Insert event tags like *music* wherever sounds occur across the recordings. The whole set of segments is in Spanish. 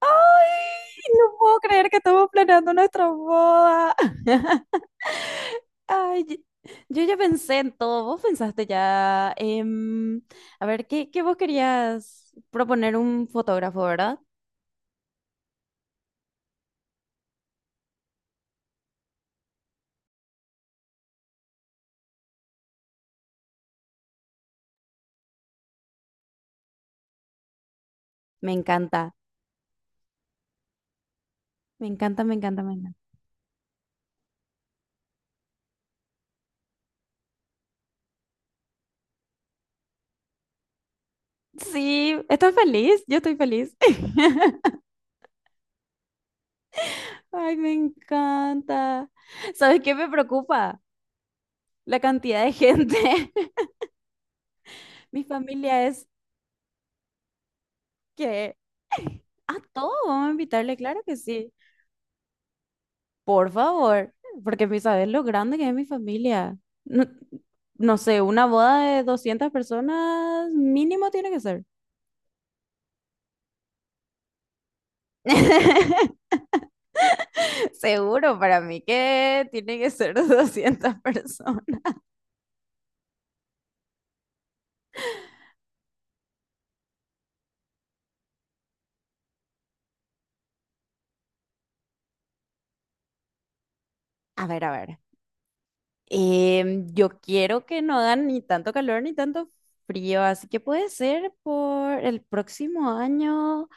¡Ay! No puedo creer que estamos planeando nuestra boda. *laughs* Ay, yo ya pensé en todo. Vos pensaste ya. A ver, ¿qué vos querías proponer un fotógrafo, verdad? Me encanta. Me encanta, me encanta, me encanta. Sí, ¿estás feliz? Yo estoy feliz. *laughs* Ay, me encanta. ¿Sabes qué me preocupa? La cantidad de gente. *laughs* Mi familia es que... A todos vamos a invitarle, claro que sí. Por favor, porque mi sabes lo grande que es mi familia. No, no sé, una boda de 200 personas mínimo tiene que ser. *laughs* Seguro para mí que tiene que ser de 200 personas. A ver, a ver. Yo quiero que no hagan ni tanto calor ni tanto frío, así que puede ser por el próximo año,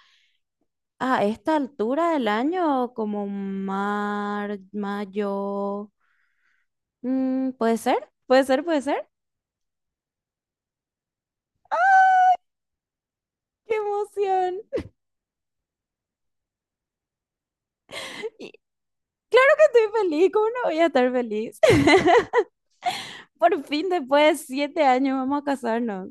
a esta altura del año, como mayo. Mm, ¿puede ser? ¿Puede ser? ¿Puede ser? ¡Qué emoción! Estoy feliz, ¿cómo no voy a estar feliz? *laughs* Por fin, después de 7 años, vamos a casarnos.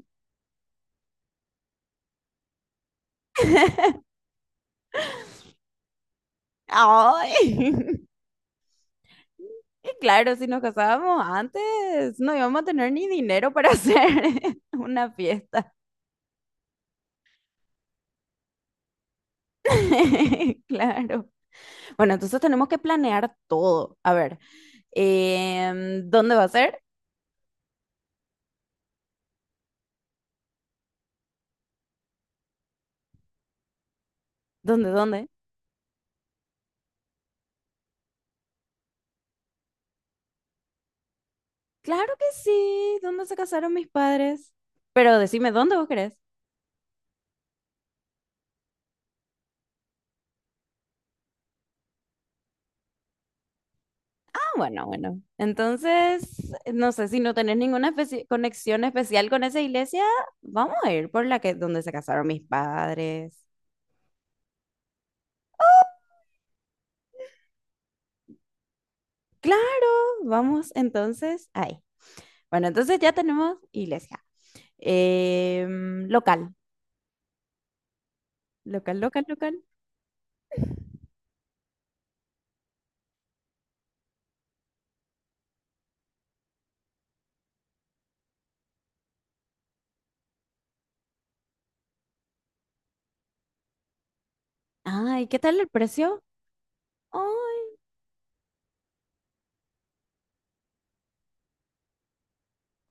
¡Ay! *laughs* Y claro, si nos casábamos antes, no íbamos a tener ni dinero para hacer *laughs* una fiesta. *laughs* Claro. Bueno, entonces tenemos que planear todo. A ver, ¿dónde va a ser? ¿Dónde, dónde? Claro que sí, ¿dónde se casaron mis padres? Pero decime, ¿dónde vos querés? Bueno, bueno. Entonces, no sé si no tenés ninguna conexión especial con esa iglesia, vamos a ir por la que donde se casaron mis padres. Claro, vamos entonces ahí. Bueno, entonces ya tenemos iglesia. Local, local, local, local. Ay, ¿qué tal el precio? Ay,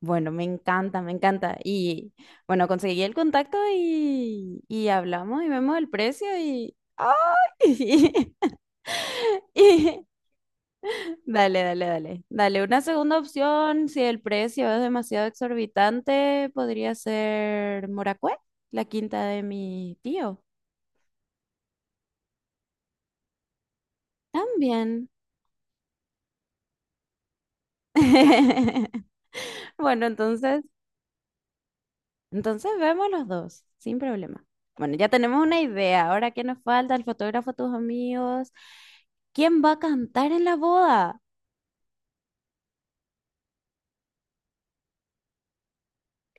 bueno, me encanta, me encanta. Y bueno, conseguí el contacto y hablamos y vemos el precio y... ¡Ay! *laughs* Y, dale, dale, dale. Dale, una segunda opción, si el precio es demasiado exorbitante, podría ser Moracué, la quinta de mi tío. También. *laughs* Bueno, entonces vemos los dos, sin problema. Bueno, ya tenemos una idea. Ahora, ¿qué nos falta? El fotógrafo, tus amigos. ¿Quién va a cantar en la boda?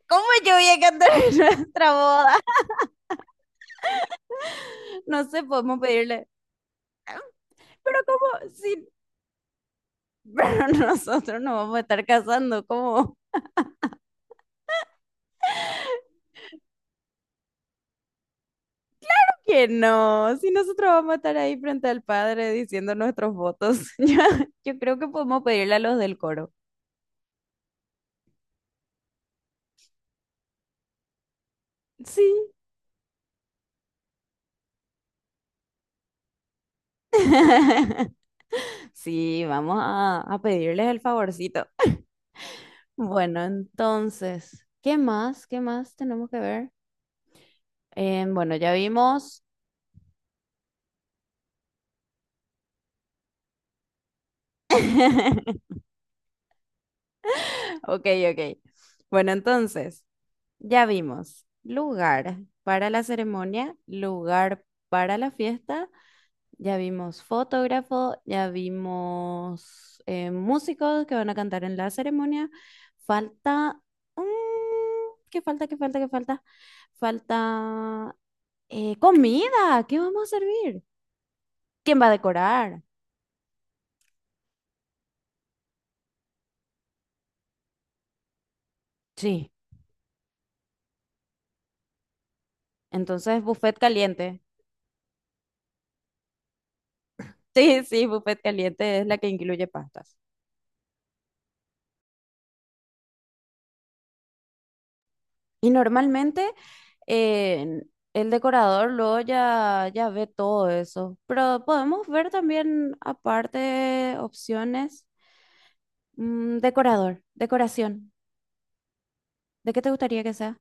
¿Cómo yo voy a cantar en nuestra boda? *laughs* No sé, podemos pedirle. "Ah, pero ¿cómo? Sí, pero *laughs* nosotros nos vamos a estar casando, ¿cómo? *laughs* Que no, si nosotros vamos a estar ahí frente al padre diciendo nuestros votos, *laughs* yo creo que podemos pedirle a los del coro. Sí. *laughs* Sí, vamos a pedirles el favorcito. *laughs* Bueno, entonces, ¿qué más? ¿Qué más tenemos que ver? Bueno, ya vimos. *laughs* Ok, ok. Bueno, entonces. Ya vimos lugar para la ceremonia, lugar para la fiesta, ya vimos fotógrafo, ya vimos músicos que van a cantar en la ceremonia. Falta... mm, ¿qué falta? ¿Qué falta? ¿Qué falta? Falta comida. ¿Qué vamos a servir? ¿Quién va a decorar? Sí. Entonces, buffet caliente. Sí, sí, buffet caliente es la que incluye pastas. Y normalmente eh, el decorador luego ya, ya ve todo eso, pero podemos ver también aparte opciones, decorador, decoración, ¿de qué te gustaría que sea?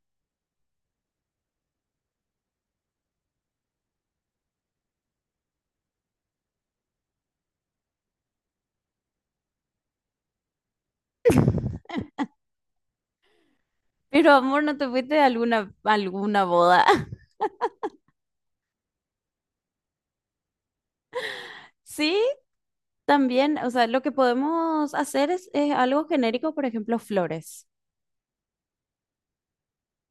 Pero amor, ¿no te fuiste a alguna boda? *laughs* Sí, también, o sea, lo que podemos hacer es algo genérico, por ejemplo, flores.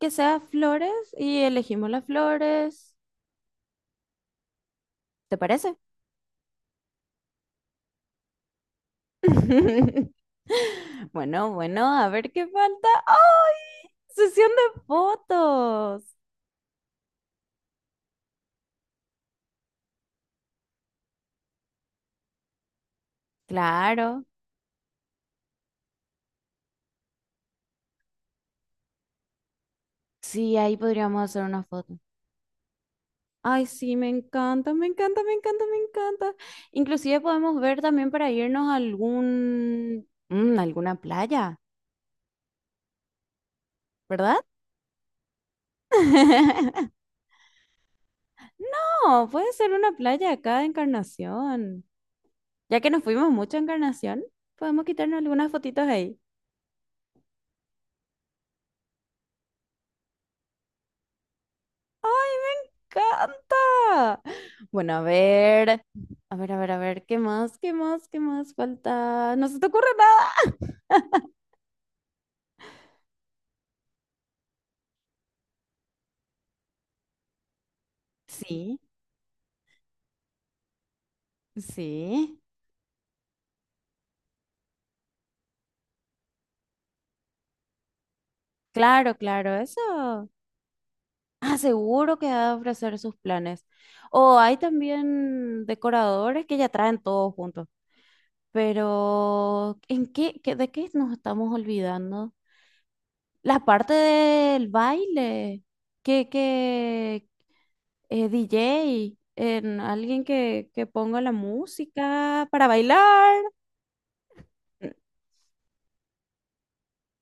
Que sea flores y elegimos las flores. ¿Te parece? *laughs* Bueno, bueno, a ver qué falta. ¡Ay! Sesión de fotos. Claro. Sí, ahí podríamos hacer una foto. Ay, sí, me encanta, me encanta, me encanta, me encanta. Inclusive podemos ver también para irnos a algún, alguna playa, ¿verdad? *laughs* No, puede ser una playa acá de Encarnación. Ya que nos fuimos mucho a Encarnación, podemos quitarnos algunas fotitos ahí. Encanta. Bueno, a ver, a ver, a ver, a ver, ¿qué más? ¿Qué más? ¿Qué más falta? No se te ocurre nada. Sí, sí. Claro, claro, eso. Ah, seguro que va a ofrecer sus planes. O hay también decoradores que ya traen todo juntos. Pero, ¿en qué, de qué nos estamos olvidando? La parte del baile, que DJ, en alguien que ponga la música para bailar.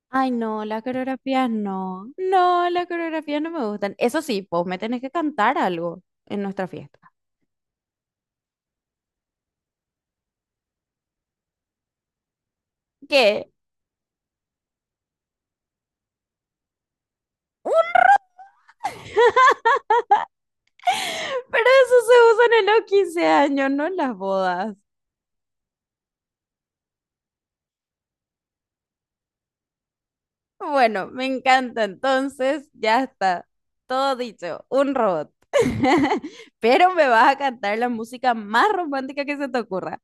Ay, no, la coreografía no. No, la coreografía no me gustan. Eso sí, vos me tenés que cantar algo en nuestra fiesta. ¿Qué? *laughs* Pero eso se usan en los 15 años, no en las bodas. Bueno, me encanta. Entonces, ya está. Todo dicho, un robot. *laughs* Pero me vas a cantar la música más romántica que se te ocurra.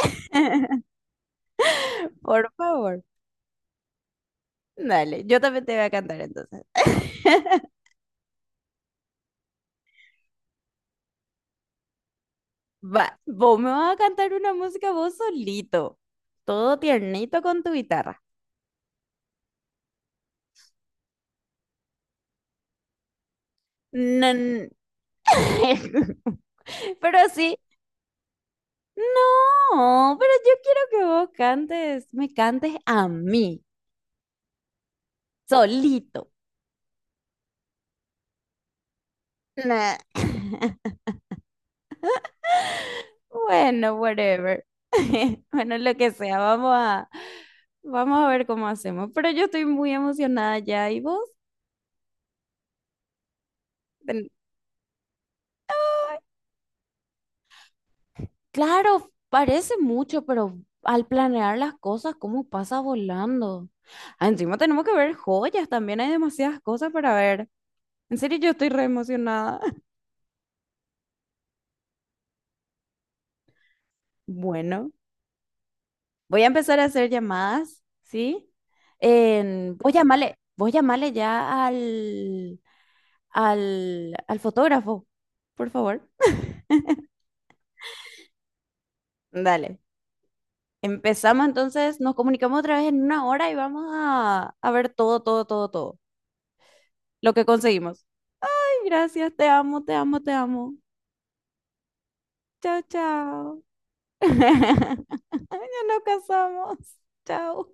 *laughs* Por favor. Dale, yo también te voy a cantar entonces. *laughs* Va, vos me vas a cantar una música vos solito. Todo tiernito con tu guitarra. Nan- *laughs* Pero sí. No, pero yo quiero que vos cantes, me cantes a mí, solito. Nah. *laughs* Bueno, whatever. *laughs* Bueno, lo que sea, vamos a, vamos a ver cómo hacemos. Pero yo estoy muy emocionada ya. ¿Y vos? Ten- Claro, parece mucho, pero al planear las cosas, ¿cómo pasa volando? Ah, encima tenemos que ver joyas, también hay demasiadas cosas para ver. En serio, yo estoy re emocionada. *laughs* Bueno. Voy a empezar a hacer llamadas, ¿sí? En, vos llamale ya al, al, al fotógrafo, por favor. Dale. Empezamos entonces, nos comunicamos otra vez en una hora y vamos a ver todo, todo, todo, todo. Lo que conseguimos. Ay, gracias, te amo, te amo, te amo. Chao, chao. *laughs* Ya nos casamos. Chao.